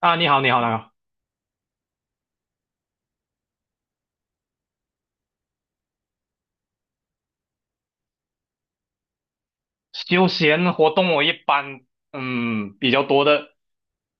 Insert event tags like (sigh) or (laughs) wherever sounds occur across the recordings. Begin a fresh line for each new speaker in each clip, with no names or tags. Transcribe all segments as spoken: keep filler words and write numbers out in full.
啊，你好，你好，你好。休闲活动我一般，嗯，比较多的，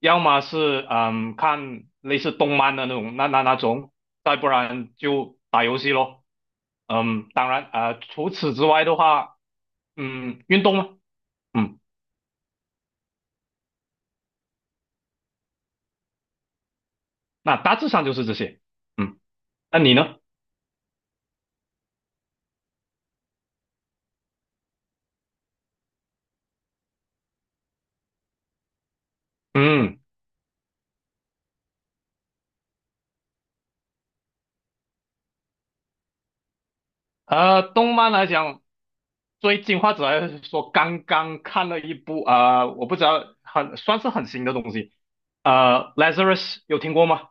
要么是嗯看类似动漫的那种，那那那种，再不然就打游戏咯。嗯，当然，呃，除此之外的话，嗯，运动嘛，嗯，那大致上就是这些。嗯，那你呢？嗯。呃，动漫来讲，最近或者来说刚刚看了一部啊、呃我不知道很算是很新的东西，呃，Lazarus 有听过吗？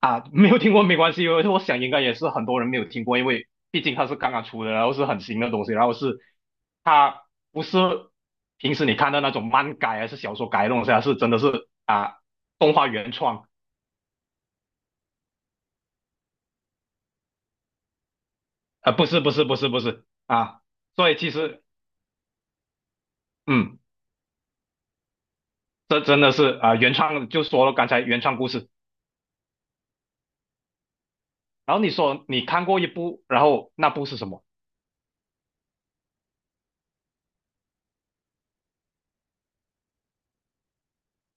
啊，(laughs) 没有听过没关系，因为我想应该也是很多人没有听过，因为毕竟它是刚刚出的，然后是很新的东西，然后是它不是平时你看到那种漫改还是小说改的东西啊，它是真的是啊、动画原创。啊，不是不是不是不是啊，所以其实嗯。这真的是啊、呃原创就说了刚才原创故事，然后你说你看过一部，然后那部是什么？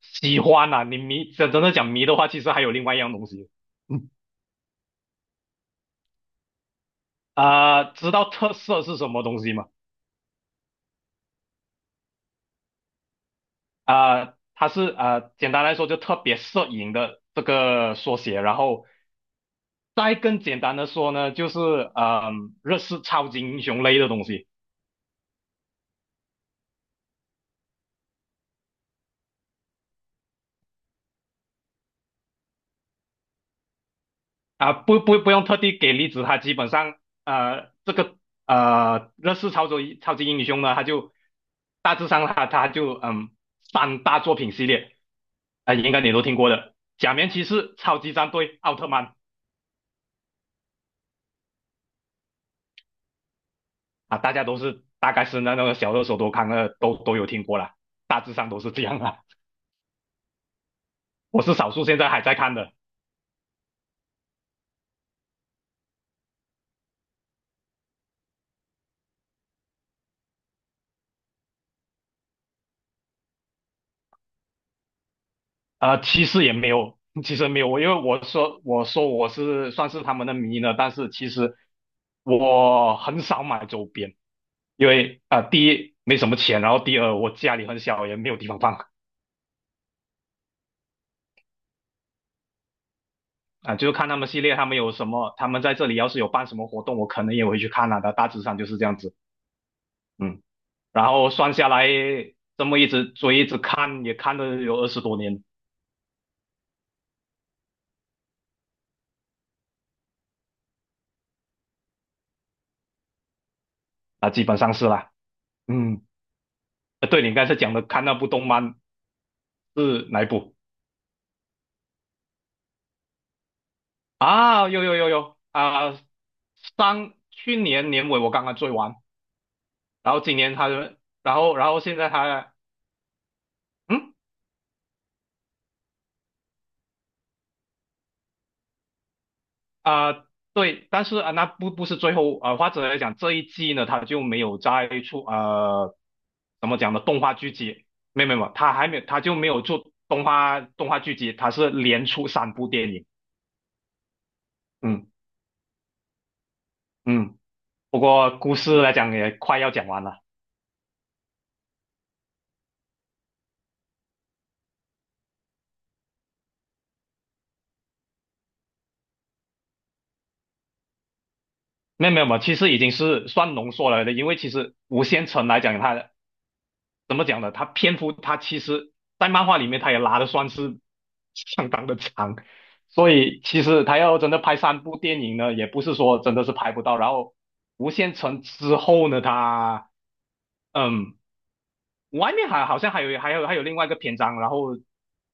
喜欢啊，你迷真真的讲迷的话，其实还有另外一样东西。嗯啊、知道特色是什么东西吗？啊、它是啊、简单来说就特别摄影的这个缩写，然后再更简单的说呢，就是嗯、呃日式超级英雄类的东西。啊，不不不用特地给例子，他基本上呃这个呃乐视超级超级英雄呢，他就大致上他他就嗯三大作品系列，啊、应该你都听过的，假面骑士、超级战队、奥特曼。啊，大家都是大概是那那个小热手都看了都都有听过啦，大致上都是这样啦。我是少数现在还在看的。呃，其实也没有，其实没有，因为我说我说我是算是他们的迷呢，但是其实我很少买周边。因为啊、呃第一没什么钱，然后第二我家里很小，也没有地方放啊、呃就是看他们系列，他们有什么，他们在这里要是有办什么活动，我可能也会去看啊的，大致上就是这样子。嗯，然后算下来这么一直追一直看，也看了有二十多年。啊、呃基本上是啦。嗯，呃对，你刚才讲的看那部动漫是哪一部。啊？有有有有啊，呃上去年年尾我刚刚追完，然后今年他，然后然后现在他，嗯。啊、对，但是啊、那不不是最后啊、呃或者来讲这一季呢，他就没有再出呃，怎么讲呢？动画剧集，没有没有，没有他还没有，他就没有做动画动画剧集，他是连出三部电影。嗯嗯，不过故事来讲也快要讲完了。没有没有，没有其实已经是算浓缩了的，因为其实《无限城》来讲，它怎么讲呢？他篇幅他其实，在漫画里面他也拉的算是相当的长，所以其实他要真的拍三部电影呢，也不是说真的是拍不到。然后《无限城》之后呢，他嗯，外面还好像还有还有还有另外一个篇章，然后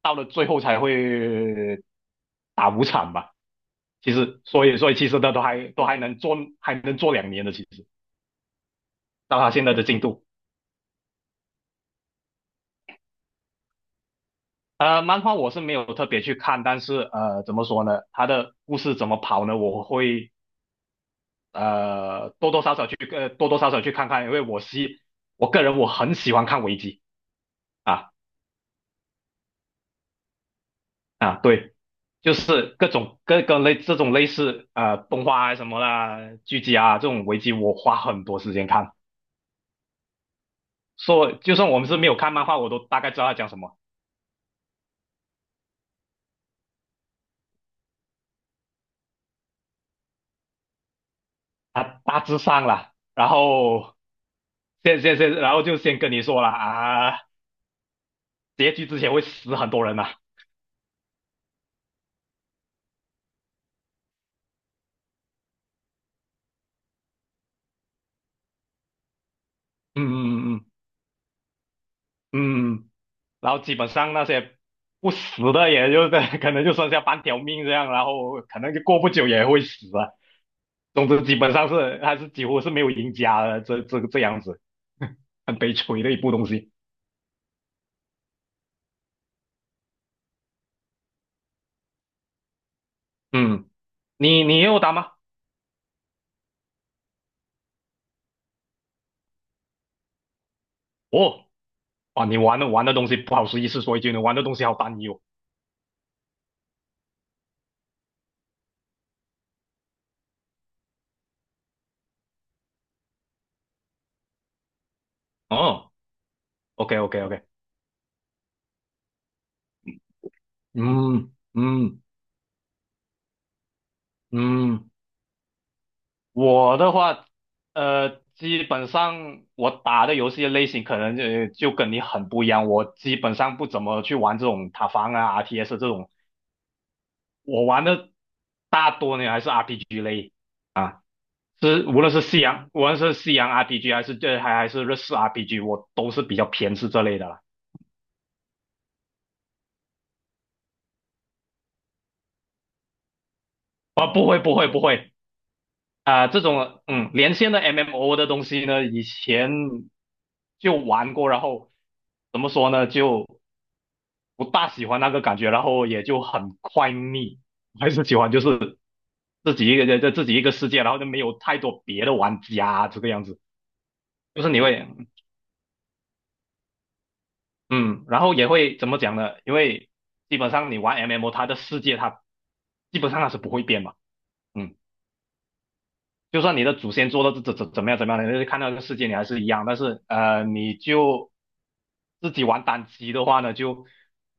到了最后才会打五场吧。其实，所以所以其实他都还都还能做还能做两年的，其实到他现在的进度。呃，漫画我是没有特别去看，但是呃，怎么说呢？它的故事怎么跑呢？我会呃多多少少去呃多多少少去看看，因为我是我个人我很喜欢看危机。啊啊，对，就是各种各各类这种类似呃动画啊什么啦、剧集啊这种危机，我花很多时间看。说就算我们是没有看漫画，我都大概知道他讲什么，他大致上了。然后先先先，然后就先跟你说了啊，结局之前会死很多人呐、嗯嗯嗯嗯嗯，然后基本上那些不死的，也就是 (laughs) 可能就剩下半条命这样，然后可能就过不久也会死啊。总之，基本上是还是几乎是没有赢家的，这这个这样子，(laughs) 很悲催的一部东西。嗯，你你也有打吗？哦，哇，你玩的玩的东西不好意思说一句，你玩的东西好单一哦。哦，OK OK OK，嗯嗯嗯。我的话，呃，基本上我打的游戏类型可能就就跟你很不一样。我基本上不怎么去玩这种塔防啊、R T S 这种，我玩的大多呢还是 R P G 类啊，是无论是西洋，无论是西洋 R P G 还是这还还是日式 R P G，我都是比较偏是这类的啦。啊，不会不会不会。啊，这种嗯连线的 M M O 的东西呢，以前就玩过，然后怎么说呢就。不大喜欢那个感觉，然后也就很快腻。还是喜欢就是自己一个人在自己一个世界，然后就没有太多别的玩家这个样子。就是你会嗯，然后也会怎么讲呢？因为基本上你玩 M M O，它的世界它基本上它是不会变嘛。嗯，就算你的祖先做到怎怎怎么样怎么样，你看到这个世界你还是一样，但是呃，你就自己玩单机的话呢，就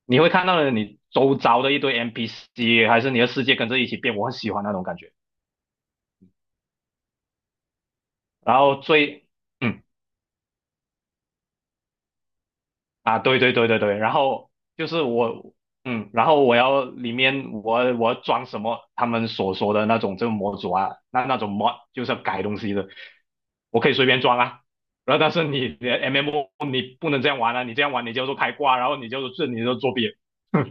你会看到了你周遭的一堆 N P C，还是你的世界跟着一起变。我很喜欢那种感觉。然后最，嗯啊，对对对对对，然后就是我，嗯，然后我要里面我我要装什么他们所说的那种这个模组啊，那那种模就是要改东西的，我可以随便装啊。然后但是你的 M M O 你不能这样玩啊，你这样玩你就做开挂，然后你就做这你就作弊。(laughs)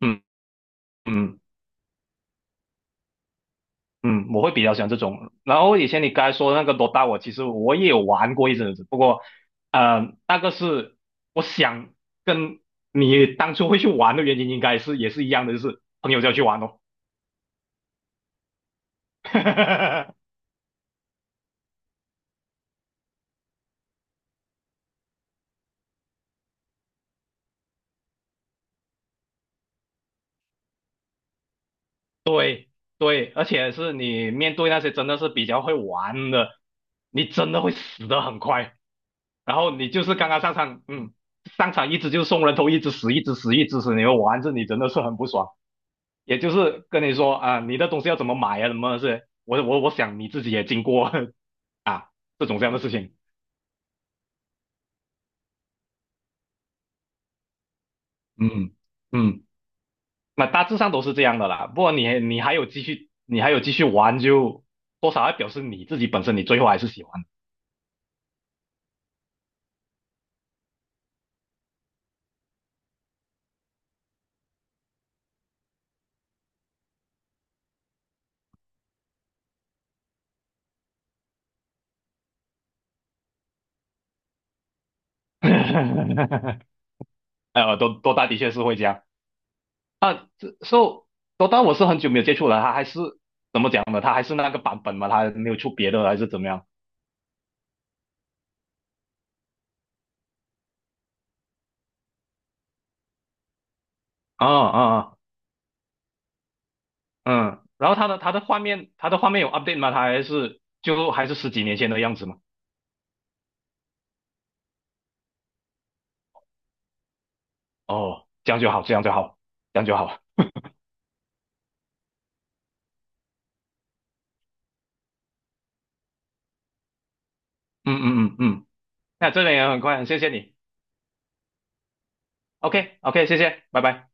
嗯嗯。嗯，我会比较喜欢这种。然后以前你刚才说的那个 D O T A，我其实我也有玩过一阵子，不过，呃，那个是我想跟你当初会去玩的原因，应该是也是一样的，就是朋友叫去玩哦。(laughs) 对对，而且是你面对那些真的是比较会玩的，你真的会死的很快。然后你就是刚刚上场，嗯，上场一直就送人头，一直死，一直死，一直死，你会玩着你真的是很不爽。也就是跟你说啊，你的东西要怎么买啊，什么是，我我我想你自己也经过 (laughs) 啊这种这样的事情，嗯嗯，那大致上都是这样的啦。不过你你还有继续，你还有继续玩就，多少要表示你自己本身你最后还是喜欢。(laughs) 呃，多多大的确是会这样。这 so 多大我是很久没有接触了，他还是讲的，他还是那个版本嘛，他没有出别的还是怎么样？啊啊啊！嗯，然后它的它的画面，它的画面有 update 吗？它还是就还是十几年前的样子吗？哦，这样就好，这样就好，这样就好。嗯嗯嗯嗯，那这边也很快，很谢谢你。OK OK，谢谢，拜拜。